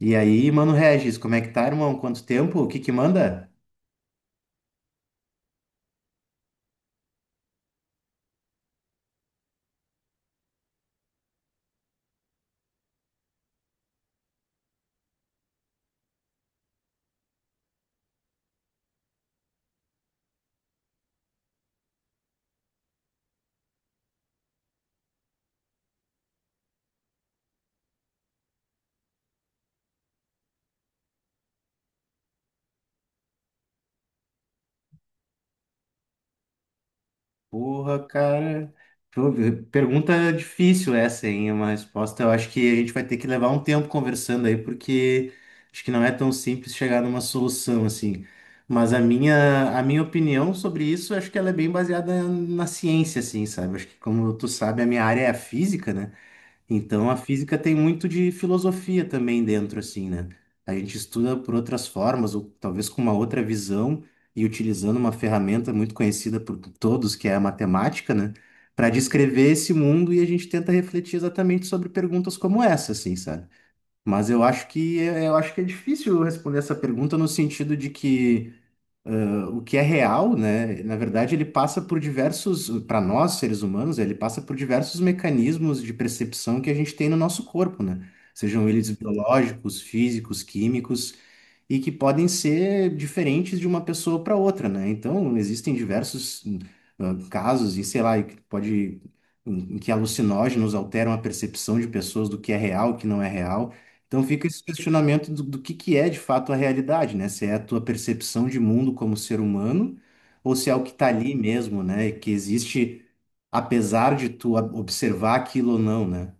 E aí, mano Regis, como é que tá, irmão? Quanto tempo? O que que manda? Porra, cara. Pô, pergunta difícil essa, hein? Uma resposta eu acho que a gente vai ter que levar um tempo conversando aí, porque acho que não é tão simples chegar numa solução assim. Mas a minha opinião sobre isso, acho que ela é bem baseada na ciência, assim, sabe? Acho que, como tu sabe, a minha área é a física, né? Então, a física tem muito de filosofia também dentro, assim, né? A gente estuda por outras formas, ou talvez com uma outra visão, e utilizando uma ferramenta muito conhecida por todos, que é a matemática, né? Para descrever esse mundo e a gente tenta refletir exatamente sobre perguntas como essa, assim, sabe? Mas eu acho que é, eu acho que é difícil responder essa pergunta no sentido de que o que é real, né? Na verdade, ele passa por diversos, para nós, seres humanos, ele passa por diversos mecanismos de percepção que a gente tem no nosso corpo, né? Sejam eles biológicos, físicos, químicos e que podem ser diferentes de uma pessoa para outra, né? Então, existem diversos casos, e sei lá, e que pode, em que alucinógenos alteram a percepção de pessoas do que é real, o que não é real. Então, fica esse questionamento do que é de fato a realidade, né? Se é a tua percepção de mundo como ser humano, ou se é o que está ali mesmo, né? Que existe, apesar de tu observar aquilo ou não, né?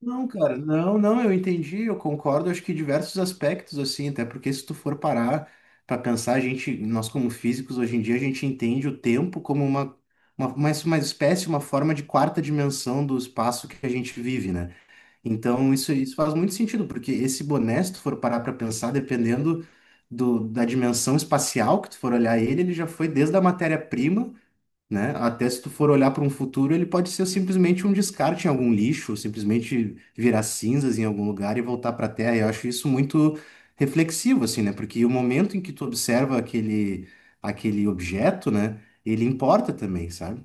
Não, cara, não, eu entendi, eu concordo, acho que em diversos aspectos, assim, até porque se tu for parar para pensar, a gente, nós como físicos, hoje em dia, a gente entende o tempo como uma espécie, uma forma de quarta dimensão do espaço que a gente vive, né? Então, isso faz muito sentido, porque esse boné, se tu for parar para pensar, dependendo da dimensão espacial que tu for olhar ele, ele já foi desde a matéria-prima, né? Até se tu for olhar para um futuro, ele pode ser simplesmente um descarte em algum lixo, simplesmente virar cinzas em algum lugar e voltar para a Terra. Eu acho isso muito reflexivo, assim, né? Porque o momento em que tu observa aquele objeto, né? Ele importa também, sabe?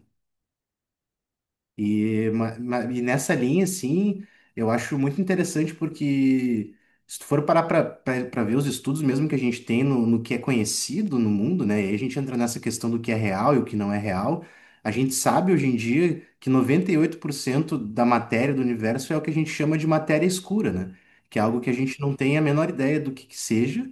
E, e nessa linha, assim, eu acho muito interessante porque se tu for parar para ver os estudos mesmo que a gente tem no, no que é conhecido no mundo, né? E aí a gente entra nessa questão do que é real e o que não é real. A gente sabe hoje em dia que 98% da matéria do universo é o que a gente chama de matéria escura, né? Que é algo que a gente não tem a menor ideia do que seja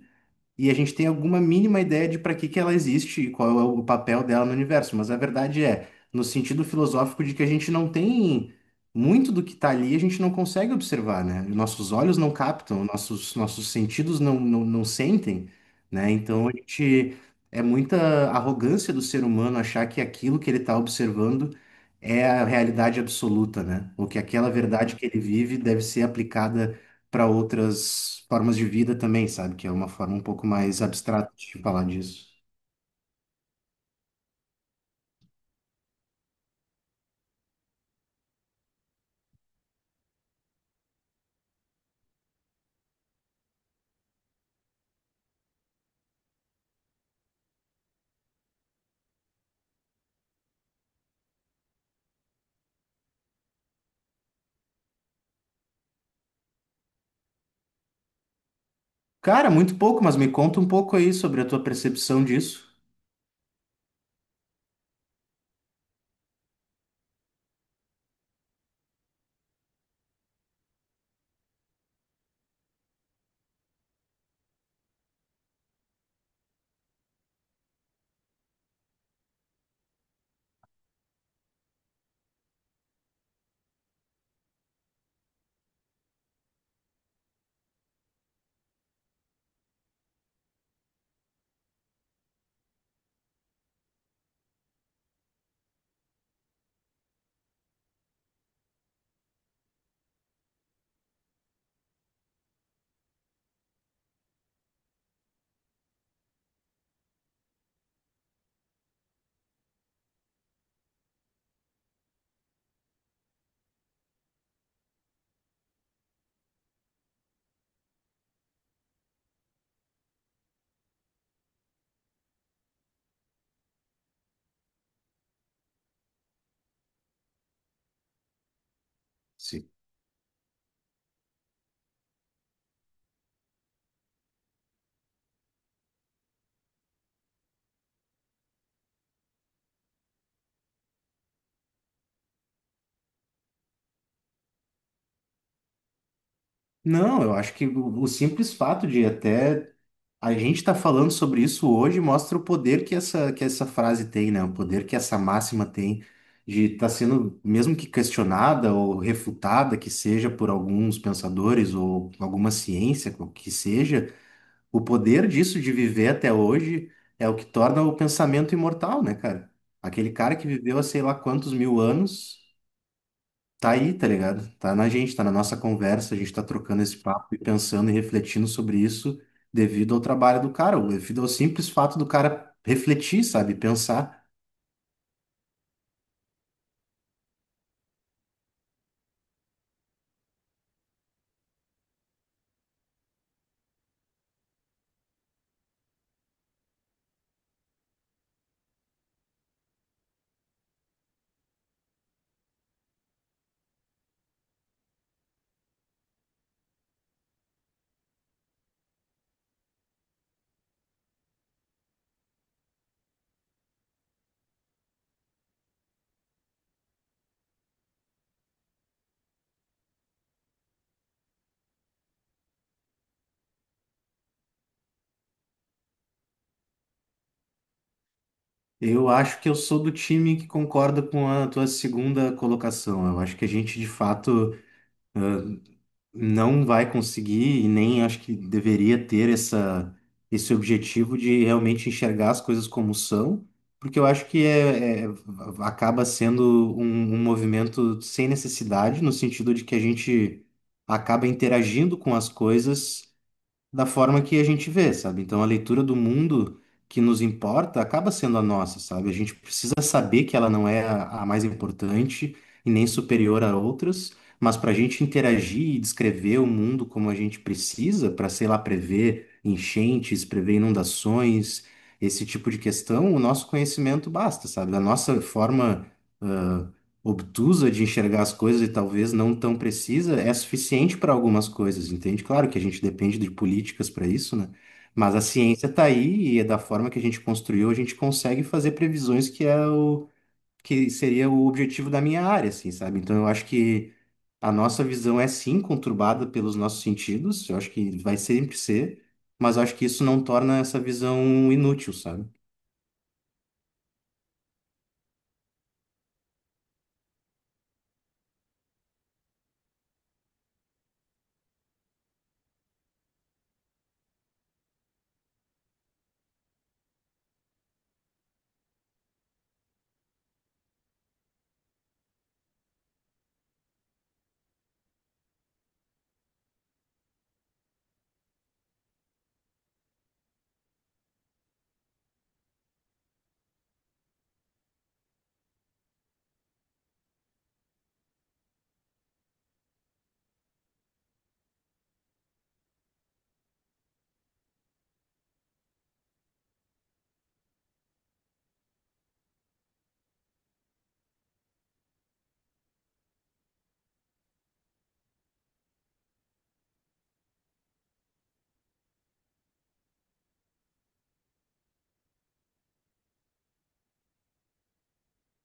e a gente tem alguma mínima ideia de para que que ela existe e qual é o papel dela no universo. Mas a verdade é, no sentido filosófico de que a gente não tem muito do que está ali, a gente não consegue observar, né? Nossos olhos não captam, nossos, nossos sentidos não sentem, né? Então a gente é muita arrogância do ser humano achar que aquilo que ele está observando é a realidade absoluta, né? Ou que aquela verdade que ele vive deve ser aplicada para outras formas de vida também, sabe? Que é uma forma um pouco mais abstrata de falar disso. Cara, muito pouco, mas me conta um pouco aí sobre a tua percepção disso. Sim. Não, eu acho que o simples fato de até a gente estar falando sobre isso hoje mostra o poder que essa frase tem, né? O poder que essa máxima tem de estar sendo, mesmo que questionada ou refutada, que seja por alguns pensadores ou alguma ciência, qual que seja. O poder disso de viver até hoje é o que torna o pensamento imortal, né, cara? Aquele cara que viveu há sei lá quantos mil anos, tá aí, tá ligado? Tá na gente, tá na nossa conversa, a gente tá trocando esse papo e pensando e refletindo sobre isso devido ao trabalho do cara, ou devido ao simples fato do cara refletir, sabe? Pensar. Eu acho que eu sou do time que concorda com a tua segunda colocação. Eu acho que a gente, de fato, não vai conseguir e nem acho que deveria ter esse objetivo de realmente enxergar as coisas como são, porque eu acho que acaba sendo um, um movimento sem necessidade, no sentido de que a gente acaba interagindo com as coisas da forma que a gente vê, sabe? Então a leitura do mundo que nos importa acaba sendo a nossa, sabe? A gente precisa saber que ela não é a mais importante e nem superior a outras, mas para a gente interagir e descrever o mundo como a gente precisa, para, sei lá, prever enchentes, prever inundações, esse tipo de questão, o nosso conhecimento basta, sabe? A nossa forma obtusa de enxergar as coisas e talvez não tão precisa, é suficiente para algumas coisas, entende? Claro que a gente depende de políticas para isso, né? Mas a ciência está aí e é da forma que a gente construiu, a gente consegue fazer previsões que é o que seria o objetivo da minha área, assim, sabe? Então eu acho que a nossa visão é sim conturbada pelos nossos sentidos, eu acho que vai sempre ser, mas eu acho que isso não torna essa visão inútil, sabe?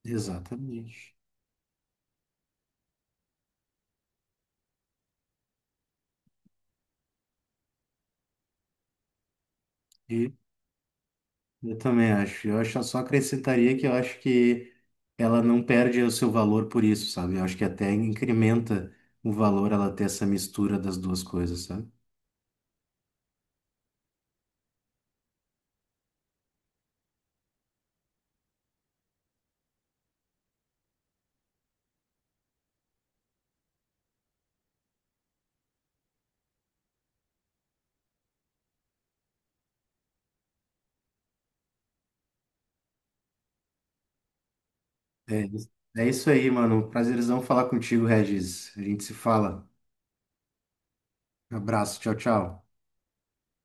Exatamente. Eu também acho. Eu acho, eu só acrescentaria que eu acho que ela não perde o seu valor por isso, sabe? Eu acho que até incrementa o valor ela ter essa mistura das duas coisas, sabe? É, isso- É isso aí, mano. Prazerzão falar contigo, Regis. A gente se fala. Abraço, tchau, tchau.